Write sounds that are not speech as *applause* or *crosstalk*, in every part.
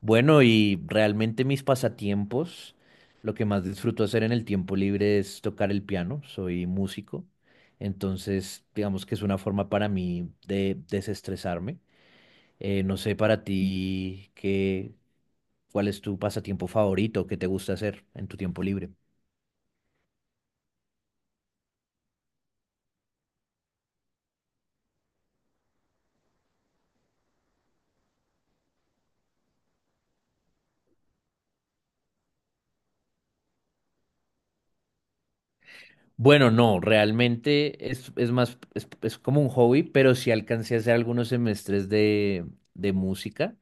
Bueno, y realmente mis pasatiempos, lo que más disfruto hacer en el tiempo libre es tocar el piano, soy músico, entonces digamos que es una forma para mí de desestresarme. No sé para ti qué, cuál es tu pasatiempo favorito, qué te gusta hacer en tu tiempo libre. Bueno, no, realmente es más, es como un hobby, pero sí alcancé a hacer algunos semestres de música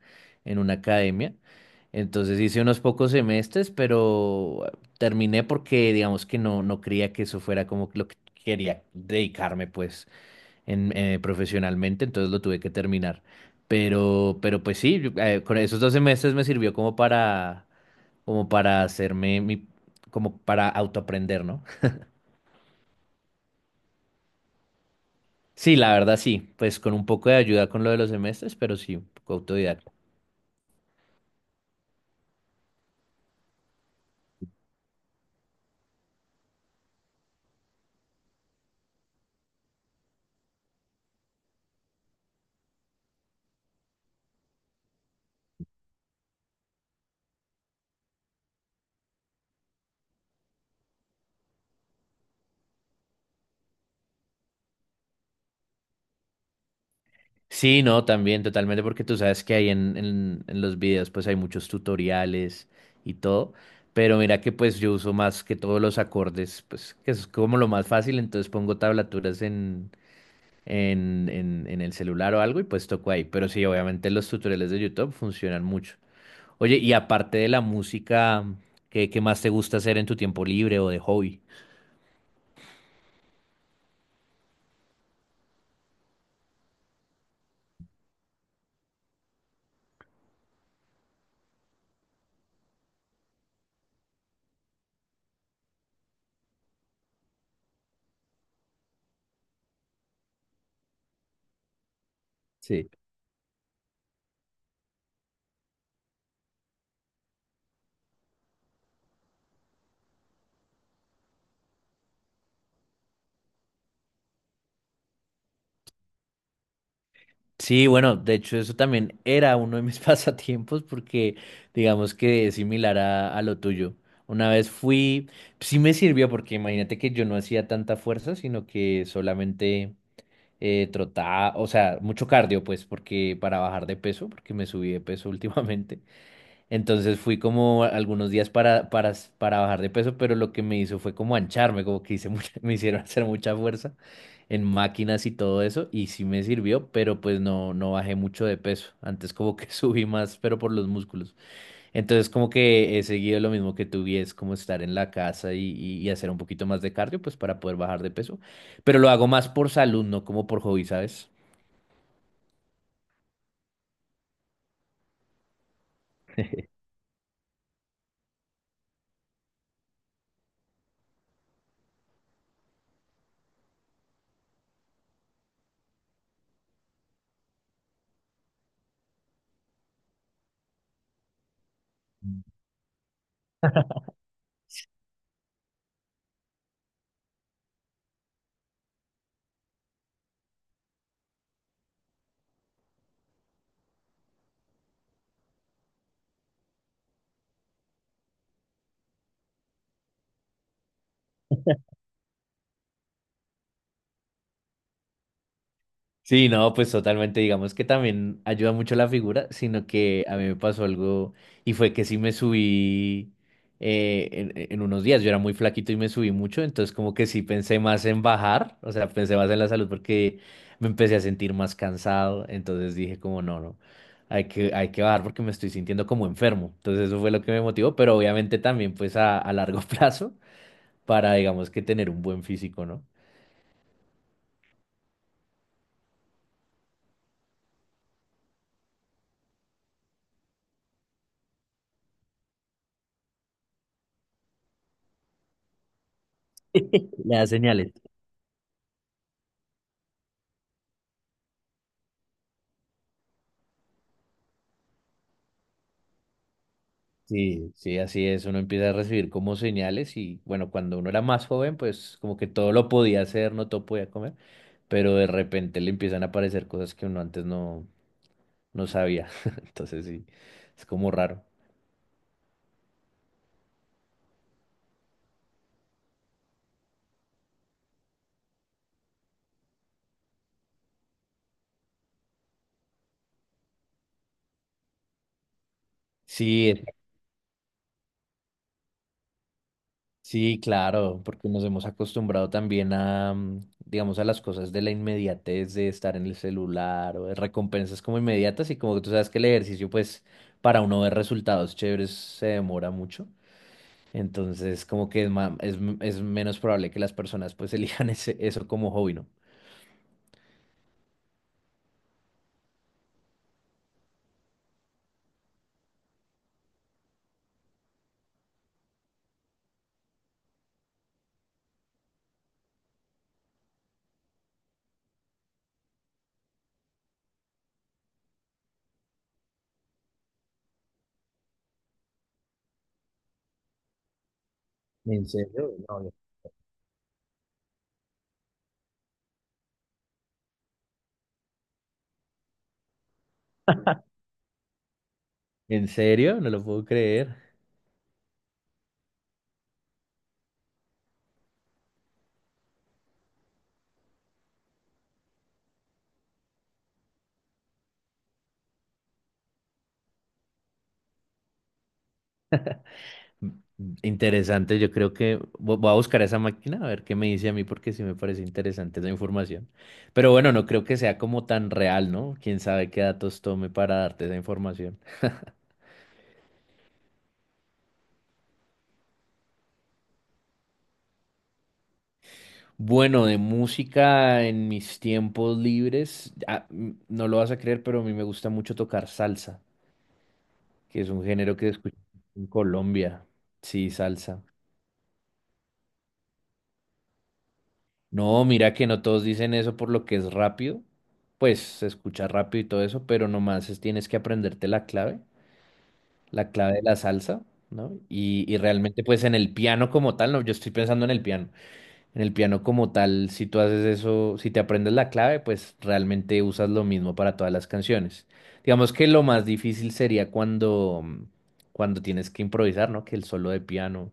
en una academia. Entonces hice unos pocos semestres, pero terminé porque digamos que no, no creía que eso fuera como lo que quería dedicarme pues profesionalmente, entonces lo tuve que terminar. Pero pues sí, yo, con esos dos semestres me sirvió como para, como para hacerme mi, como para autoaprender, ¿no? Sí, la verdad sí, pues con un poco de ayuda con lo de los semestres, pero sí, un poco autodidacta. Sí, no, también totalmente, porque tú sabes que ahí en los videos pues hay muchos tutoriales y todo, pero mira que pues yo uso más que todos los acordes, pues que es como lo más fácil, entonces pongo tablaturas en el celular o algo y pues toco ahí, pero sí, obviamente los tutoriales de YouTube funcionan mucho. Oye, y aparte de la música, qué más te gusta hacer en tu tiempo libre o de hobby? Sí. Sí, bueno, de hecho eso también era uno de mis *laughs* pasatiempos porque digamos que es similar a lo tuyo. Una vez fui, sí me sirvió porque imagínate que yo no hacía tanta fuerza, sino que solamente trotaba, o sea, mucho cardio pues porque para bajar de peso, porque me subí de peso *laughs* últimamente. Entonces fui como algunos días para bajar de peso, pero lo que me hizo fue como ancharme, como que hice mucha- *laughs* me hicieron hacer mucha fuerza en máquinas y todo eso, y sí me sirvió, pero pues no, no bajé mucho de peso. Antes como que *laughs* subí más, pero por los músculos. Entonces como que he seguido lo mismo que tú y es como estar en la casa y hacer un poquito más de cardio, pues para poder bajar de peso, pero lo hago más por salud, no como por hobby, ¿sabes? Sí, no, pues totalmente, digamos que también ayuda mucho la figura, sino que a mí me pasó algo y fue que sí me subí en unos días, yo era muy flaquito y me subí mucho, entonces como que sí pensé más en bajar, o sea, pensé más en la salud porque me empecé a sentir más cansado, entonces dije como no, no, hay que bajar porque me estoy sintiendo como enfermo, entonces eso fue lo que me motivó, pero obviamente también pues a largo *laughs* plazo para digamos que tener un buen físico, ¿no? Le da señales. Sí, sí, así es. Uno empieza a recibir como señales y bueno, cuando uno era más joven, pues como que todo lo podía hacer, no todo podía comer, pero de repente le empiezan a aparecer cosas que uno antes no, no sabía. *laughs* Entonces sí, es como raro. Sí, es- sí, claro, porque nos hemos acostumbrado también a, digamos, a las cosas de la inmediatez de estar en el celular o de recompensas como inmediatas y como que tú sabes que el ejercicio, pues, para uno ver resultados chéveres se demora mucho. Entonces, como que es, ma- es menos probable que las personas pues *laughs* elijan ese, eso como hobby, ¿no? ¿En serio? No, no. ¿En serio? No lo puedo creer. M- Interesante, yo creo que vo- voy a buscar esa máquina a ver qué me dice a mí porque sí me parece interesante esa información. Pero bueno, no creo que sea como tan real, ¿no? Quién sabe qué datos tome para darte esa información. Bueno, de música en mis tiempos libres, ah, m- no lo vas a creer, pero a mí me gusta mucho tocar salsa, que es un género que escucho en Colombia. Sí, salsa. No, mira que no todos dicen eso por lo que es rápido. Pues se escucha rápido y todo eso, pero nomás es- tienes que aprenderte la clave de la salsa, ¿no? Y realmente pues en el piano como tal, no, yo estoy pensando en el piano. En el piano como tal, si tú haces eso, si te aprendes la clave, pues realmente usas lo mismo para todas las canciones. Digamos que lo más difícil sería cuando tienes que improvisar, ¿no? Que el solo de piano.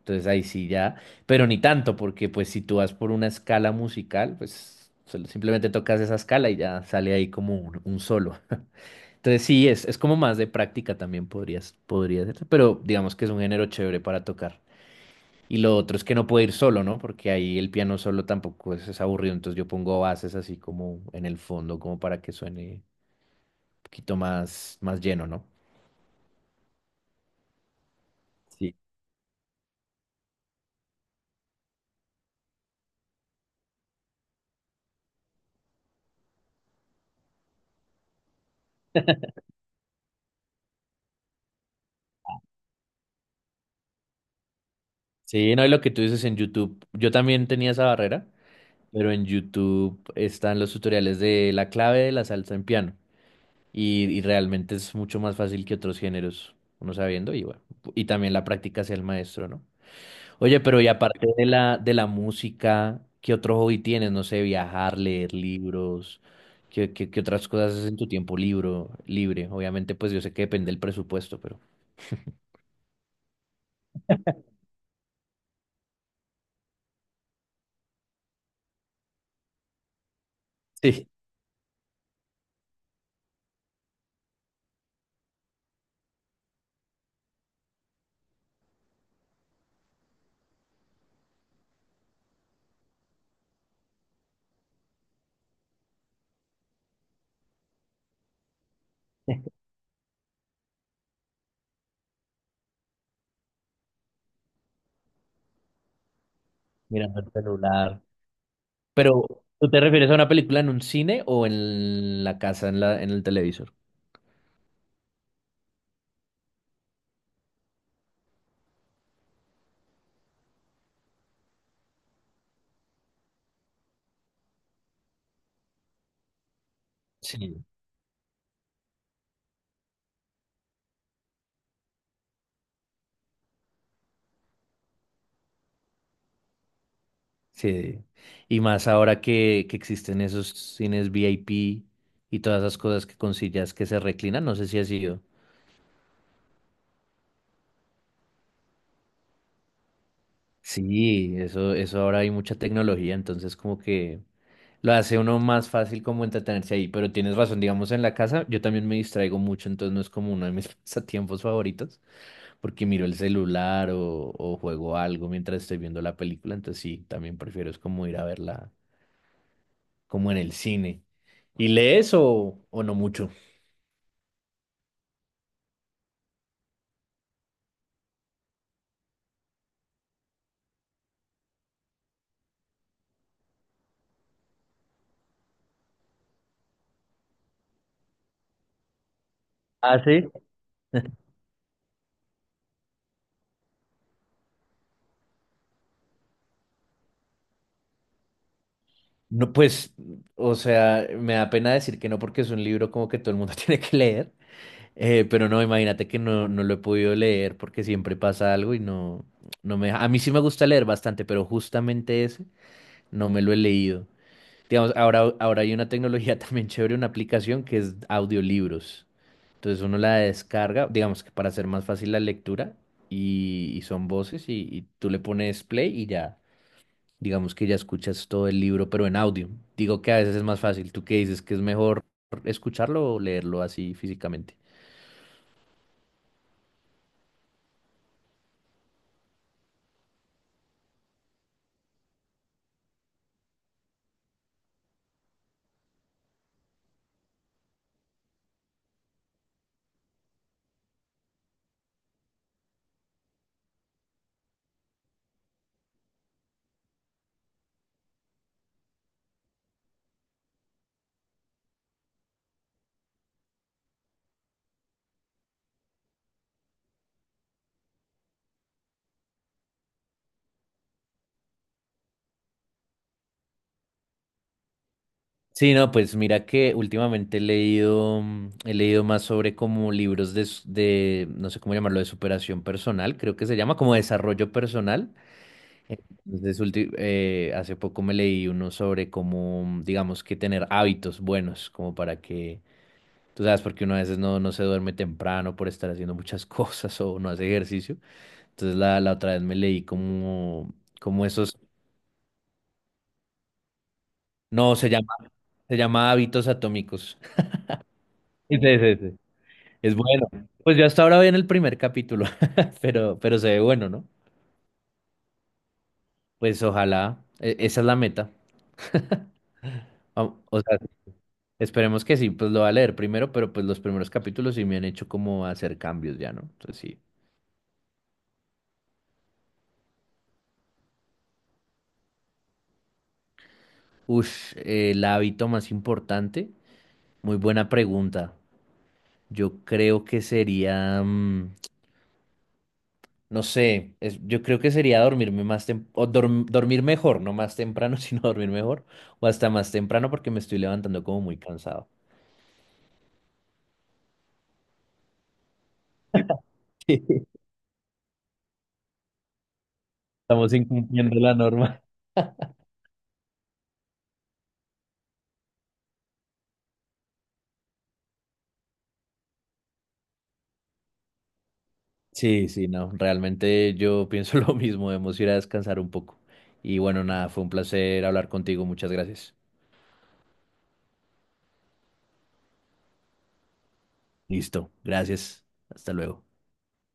Entonces ahí sí ya, pero ni tanto, porque pues si tú vas por una escala musical, pues solo- simplemente tocas esa escala y ya sale ahí como un solo. Entonces sí, es como más de práctica también podrías, podría ser, pero digamos que es un género chévere para tocar. Y lo otro es que no puede ir solo, ¿no? Porque ahí el piano solo tampoco es, es aburrido, entonces yo pongo bases así como en el fondo, como para que suene un poquito más, más lleno, ¿no? Sí. Sí, no, y lo que tú dices en YouTube, yo también tenía esa barrera, pero en YouTube están los tutoriales de la clave de la salsa en piano y realmente es mucho más fácil que otros géneros, uno sabiendo y bueno, y también la práctica hacia el maestro, ¿no? Oye, pero y aparte de de la música, ¿qué otro hobby tienes? No sé, viajar, leer libros, qué otras cosas haces en tu tiempo libro, libre? Obviamente, pues yo sé que depende del presupuesto, pero sí, mirando el celular. Pero, ¿tú te refieres a una película en un cine o en la casa, en la, en el televisor? Sí. Sí, y más ahora que existen esos cines VIP y todas esas cosas que con sillas que se reclinan, no sé si ha sido. Sí, eso ahora hay mucha tecnología, entonces como que lo hace uno más fácil como entretenerse ahí, pero tienes razón, digamos en la casa yo también me distraigo mucho, entonces no es como uno de mis *laughs* pasatiempos favoritos, porque miro el celular o juego algo mientras estoy viendo la película, entonces sí, también prefiero es como ir a verla como en el cine. ¿Y lees o no mucho? Ah, sí. No, pues, o sea, me da pena decir que no porque es un libro como que todo el mundo *laughs* tiene que leer, pero no, imagínate que no, no lo he podido leer porque siempre pasa algo y no, no me deja. A mí sí me gusta leer bastante, pero justamente ese no me lo he leído. Digamos, ahora hay una tecnología *laughs* también chévere, una aplicación que es audiolibros. Entonces uno la descarga, digamos que para hacer más fácil la lectura y son voces y tú le pones play y ya. Digamos que ya escuchas todo el libro, pero en audio. Digo que a veces es más fácil. ¿Tú qué dices? ¿Que es mejor escucharlo o leerlo así físicamente? Sí, no, pues mira que últimamente he leído, he leído más sobre como libros de, s- de, no sé cómo llamarlo, de superación personal, creo que se llama como desarrollo personal. Entonces, ulti- hace poco me leí uno sobre cómo, digamos que tener hábitos buenos, como para que, tú sabes, porque uno a veces no, no se duerme temprano por estar haciendo muchas *laughs* cosas o no hace ejercicio. Entonces la otra vez me leí como, como esos, no, se llama Hábitos Atómicos. *laughs* Sí, sí, sí, sí. Es bueno. Pues yo hasta ahora voy en el primer capítulo, *laughs* pero se ve bueno, ¿no? Pues ojalá, e- esa es la meta. O sea, esperemos que sí, pues lo va a leer primero, pero pues los primeros capítulos sí me han hecho como hacer cambios ya, ¿no? Entonces sí. Ush, el hábito más importante, muy buena pregunta. Yo creo que sería... No sé, es- yo creo que sería dormirme más tem- o dorm- dormir mejor, no más temprano, *laughs* sino dormir mejor, o hasta más temprano porque me estoy levantando como muy cansado. *laughs* Estamos incumpliendo la norma. Sí, sí, no, realmente yo pienso *laughs* lo mismo, debemos ir a descansar un poco. Y bueno, nada, fue un placer hablar contigo, muchas gracias. Listo, gracias, hasta luego.